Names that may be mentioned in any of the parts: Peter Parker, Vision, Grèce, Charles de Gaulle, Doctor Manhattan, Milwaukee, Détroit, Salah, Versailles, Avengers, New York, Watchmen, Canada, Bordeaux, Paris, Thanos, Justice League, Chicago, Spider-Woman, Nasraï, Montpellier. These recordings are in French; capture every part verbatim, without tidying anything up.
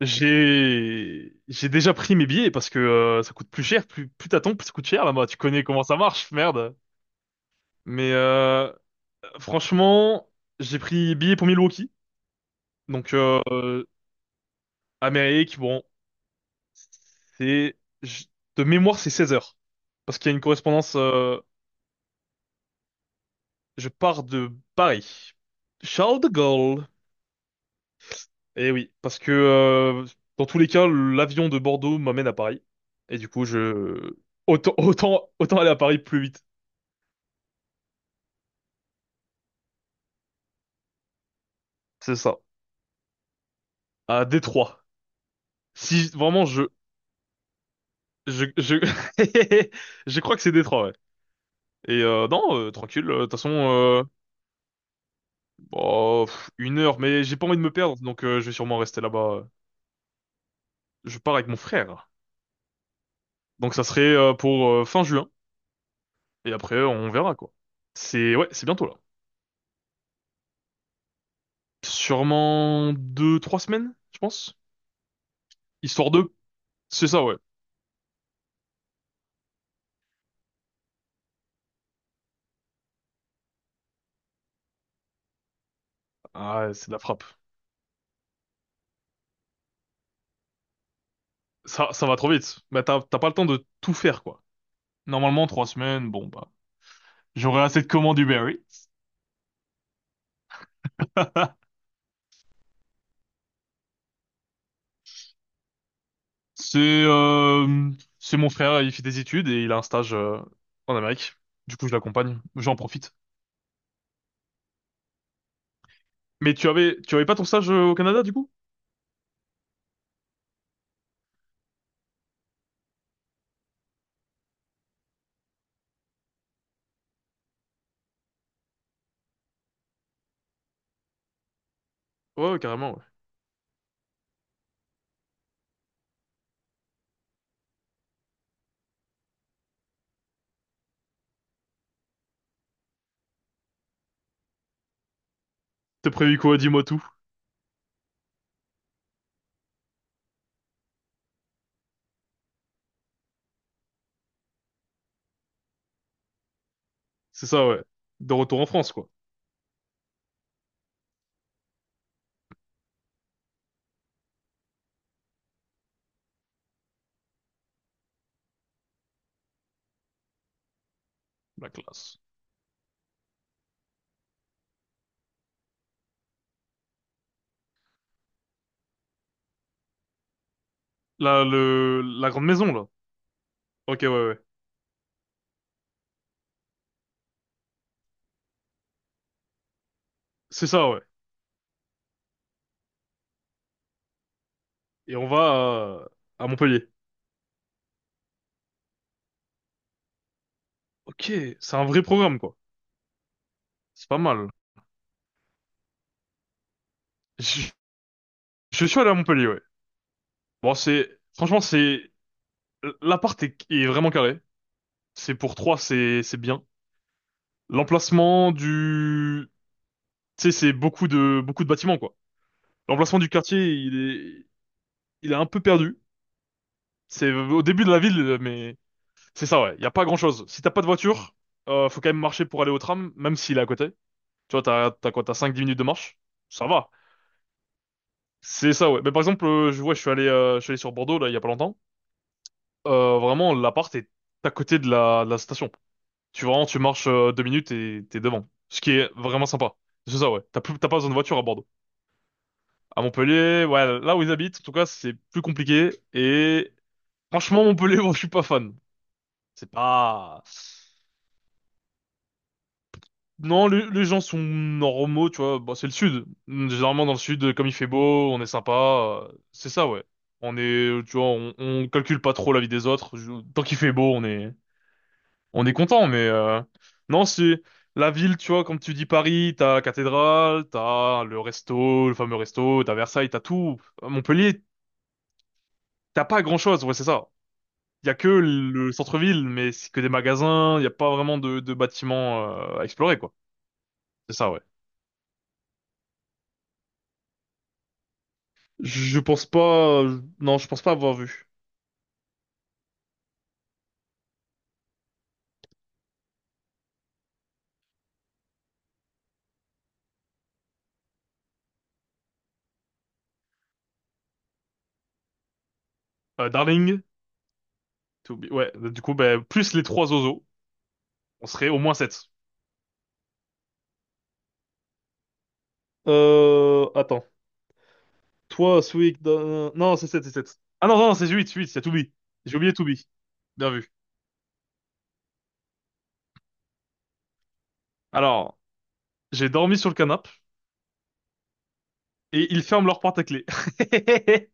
J'ai j'ai déjà pris mes billets parce que euh, ça coûte plus cher, plus plus t'attends, plus ça coûte cher là-bas. Tu connais comment ça marche, merde. Mais euh, franchement, j'ai pris billets pour Milwaukee, donc euh, euh, Amérique. Bon, c'est je- de mémoire c'est seize heures parce qu'il y a une correspondance. Euh, je pars de Paris, Charles de Gaulle. Eh oui, parce que euh, dans tous les cas, l'avion de Bordeaux m'amène à Paris et du coup je autant autant autant aller à Paris plus vite. C'est ça. À Détroit. Si vraiment je je je je crois que c'est Détroit, ouais. Et euh, non, euh, tranquille. euh, De toute façon, euh, bon, pff, une heure, mais j'ai pas envie de me perdre, donc euh, je vais sûrement rester là-bas. Je pars avec mon frère, donc ça serait euh, pour euh, fin juin. Et après, euh, on verra quoi. C'est ouais, c'est bientôt là. Sûrement deux, trois semaines, je pense. Histoire de. C'est ça, ouais. Ah, ouais, c'est de la frappe. Ça, ça va trop vite. Bah t'as t'as pas le temps de tout faire quoi. Normalement, trois semaines, bon bah. J'aurai assez de commandes Uber Eats. C'est euh, c'est mon frère, il fait des études et il a un stage euh, en Amérique. Du coup, je l'accompagne, j'en profite. Mais tu avais tu avais pas ton stage euh, au Canada du coup? Ouais, ouais, carrément. Ouais. T'as prévu quoi? Dis-moi tout. C'est ça, ouais. De retour en France, quoi. La classe. Là, le la grande maison, là. Ok, ouais, ouais. C'est ça, ouais. Et on va euh, à Montpellier. Ok, c'est un vrai programme, quoi. C'est pas mal. Je, je suis allé à Montpellier, ouais. Bon, c'est franchement, c'est l'appart est, est vraiment carré. C'est pour trois, c'est c'est bien. L'emplacement du, tu sais, c'est beaucoup de beaucoup de bâtiments quoi. L'emplacement du quartier, il est il est un peu perdu. C'est au début de la ville, mais c'est ça ouais. Il y a pas grand-chose. Si t'as pas de voiture, euh, faut quand même marcher pour aller au tram, même s'il est à côté. Tu vois, t'as t'as quoi, t'as cinq dix minutes de marche. Ça va. C'est ça ouais. Mais par exemple, euh, je vois, je suis allé euh, je suis allé sur Bordeaux là il y a pas longtemps. Euh, vraiment, l'appart est à côté de la de la station. Tu vraiment, tu marches euh, deux minutes et t'es devant. Ce qui est vraiment sympa. C'est ça, ouais. T'as plus, t'as pas besoin de voiture à Bordeaux. À Montpellier, ouais, là où ils habitent, en tout cas, c'est plus compliqué. Et franchement, Montpellier, moi, je suis pas fan. C'est pas... Non, les, les gens sont normaux, tu vois. Bah, c'est le sud. Généralement, dans le sud, comme il fait beau, on est sympa. euh, C'est ça, ouais. On est, tu vois, on, on calcule pas trop la vie des autres. Je- Tant qu'il fait beau, on est, on est content, mais euh, non, c'est la ville, tu vois, comme tu dis Paris, t'as cathédrale, t'as le resto, le fameux resto, t'as Versailles, t'as tout. À Montpellier, t'as pas grand-chose, ouais, c'est ça. Il y a que le centre-ville, mais c'est que des magasins, il y a pas vraiment de, de bâtiments euh, à explorer, quoi. C'est ça, ouais. Je pense pas, non, je pense pas avoir vu. Euh, Darling, to be- ouais, du coup, ben, plus les trois oiseaux, on serait au moins sept. Euh, attends. Toi, Sweet, euh, non, c'est sept, c'est sept. Ah non, non, c'est huit, huit. Il y a Toubi. J'ai oublié Toubi. Bien vu. Alors, j'ai dormi sur le canapé et ils ferment leur porte à clé.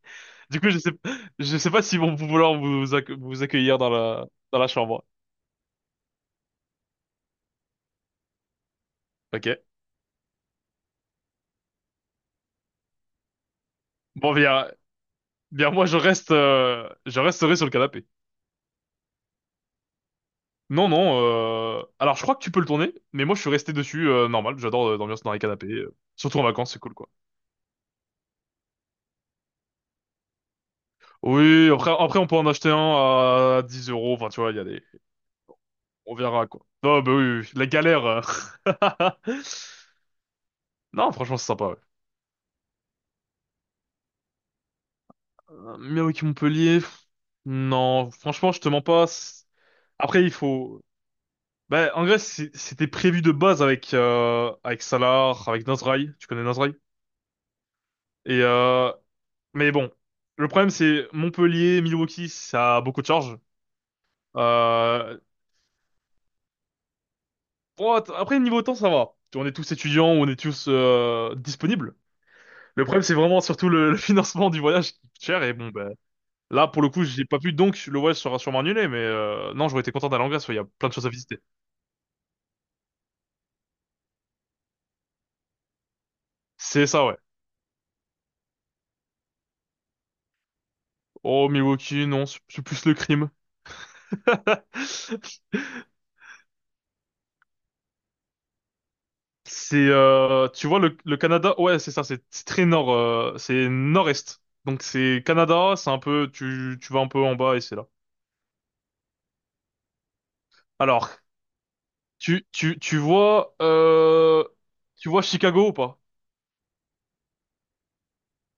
Du coup, je sais, je sais pas s'ils vont vouloir vous, accue- vous accueillir dans la, dans la chambre. Ok. Bon, bien, bien, moi, je reste, euh, je resterai sur le canapé. Non, non, euh, alors je crois que tu peux le tourner, mais moi je suis resté dessus, euh, normal, j'adore euh, dormir dans les canapés, euh, surtout en vacances, c'est cool quoi. Oui, après, après on peut en acheter un à dix euros, enfin tu vois, il y a des, on verra, quoi. Non, bah oui, oui, la galère. euh. Non, franchement, c'est sympa, ouais. Euh, Milwaukee-Montpellier, pff, non, franchement, je te mens pas. c'est- Après, il faut... Bah, en Grèce, c'est- c'était prévu de base avec, euh, avec Salah, avec Nasraï. Tu connais Nasraï? Et, euh, mais bon, le problème, c'est Montpellier, Milwaukee, ça a beaucoup de charges. Euh, bon, att- après, niveau temps, ça va. On est tous étudiants, on est tous euh, disponibles. Le problème, c'est vraiment surtout le, le financement du voyage qui coûte cher. Et bon, ben là, pour le coup, j'ai pas pu, donc le voyage sera sûrement annulé, mais euh, non, j'aurais été content d'aller en Grèce, ouais, il y a plein de choses à visiter. C'est ça, ouais. Oh, Milwaukee, non, c'est c'est plus le crime. C'est, euh, tu vois, le, le Canada, ouais, c'est ça, c'est c'est très nord, euh, c'est nord-est. Donc c'est Canada, c'est un peu, tu, tu vas un peu en bas et c'est là. Alors, tu, tu, tu vois, euh, tu vois Chicago ou pas?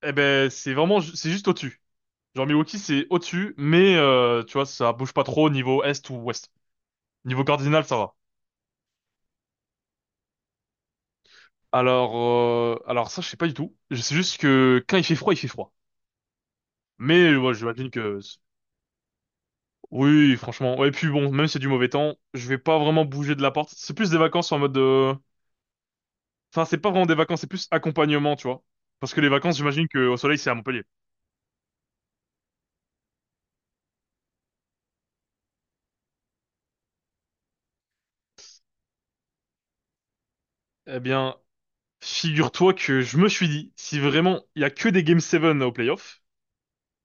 Eh ben, c'est vraiment, ju- c'est juste au-dessus. Genre Milwaukee, c'est au-dessus, mais euh, tu vois, ça bouge pas trop au niveau est ou ouest. Niveau cardinal, ça va. Alors, euh, alors ça, je sais pas du tout. Je sais juste que quand il fait froid, il fait froid. Mais euh, ouais, j'imagine que oui, franchement. Ouais, et puis bon, même si c'est du mauvais temps, je vais pas vraiment bouger de la porte. C'est plus des vacances en mode. euh, Enfin, c'est pas vraiment des vacances, c'est plus accompagnement, tu vois. Parce que les vacances, j'imagine que au soleil, c'est à Montpellier. Eh bien, figure-toi que je me suis dit, si vraiment il y a que des Game sept au playoff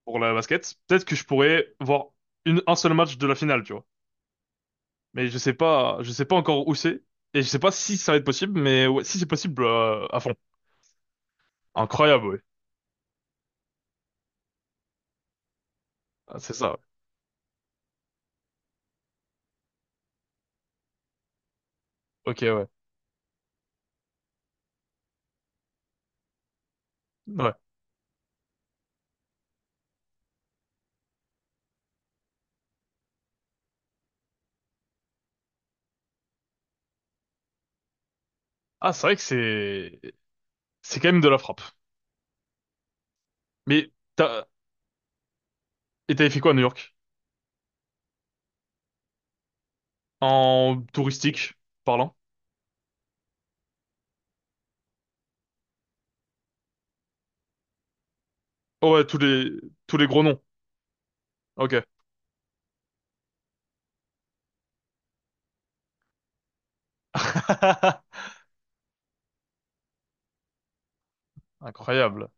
pour la basket, peut-être que je pourrais voir une, un seul match de la finale, tu vois. Mais je sais pas, je sais pas encore où c'est et je sais pas si ça va être possible, mais ouais, si c'est possible, euh, à fond. Incroyable, ouais. Ah, c'est ça. Ouais. Ok, ouais. Ouais. Ah, c'est vrai que c'est c'est quand même de la frappe. Mais t'as et t'avais fait quoi à New York? En touristique parlant? Oh ouais, tous les tous les gros noms. Ok. Incroyable.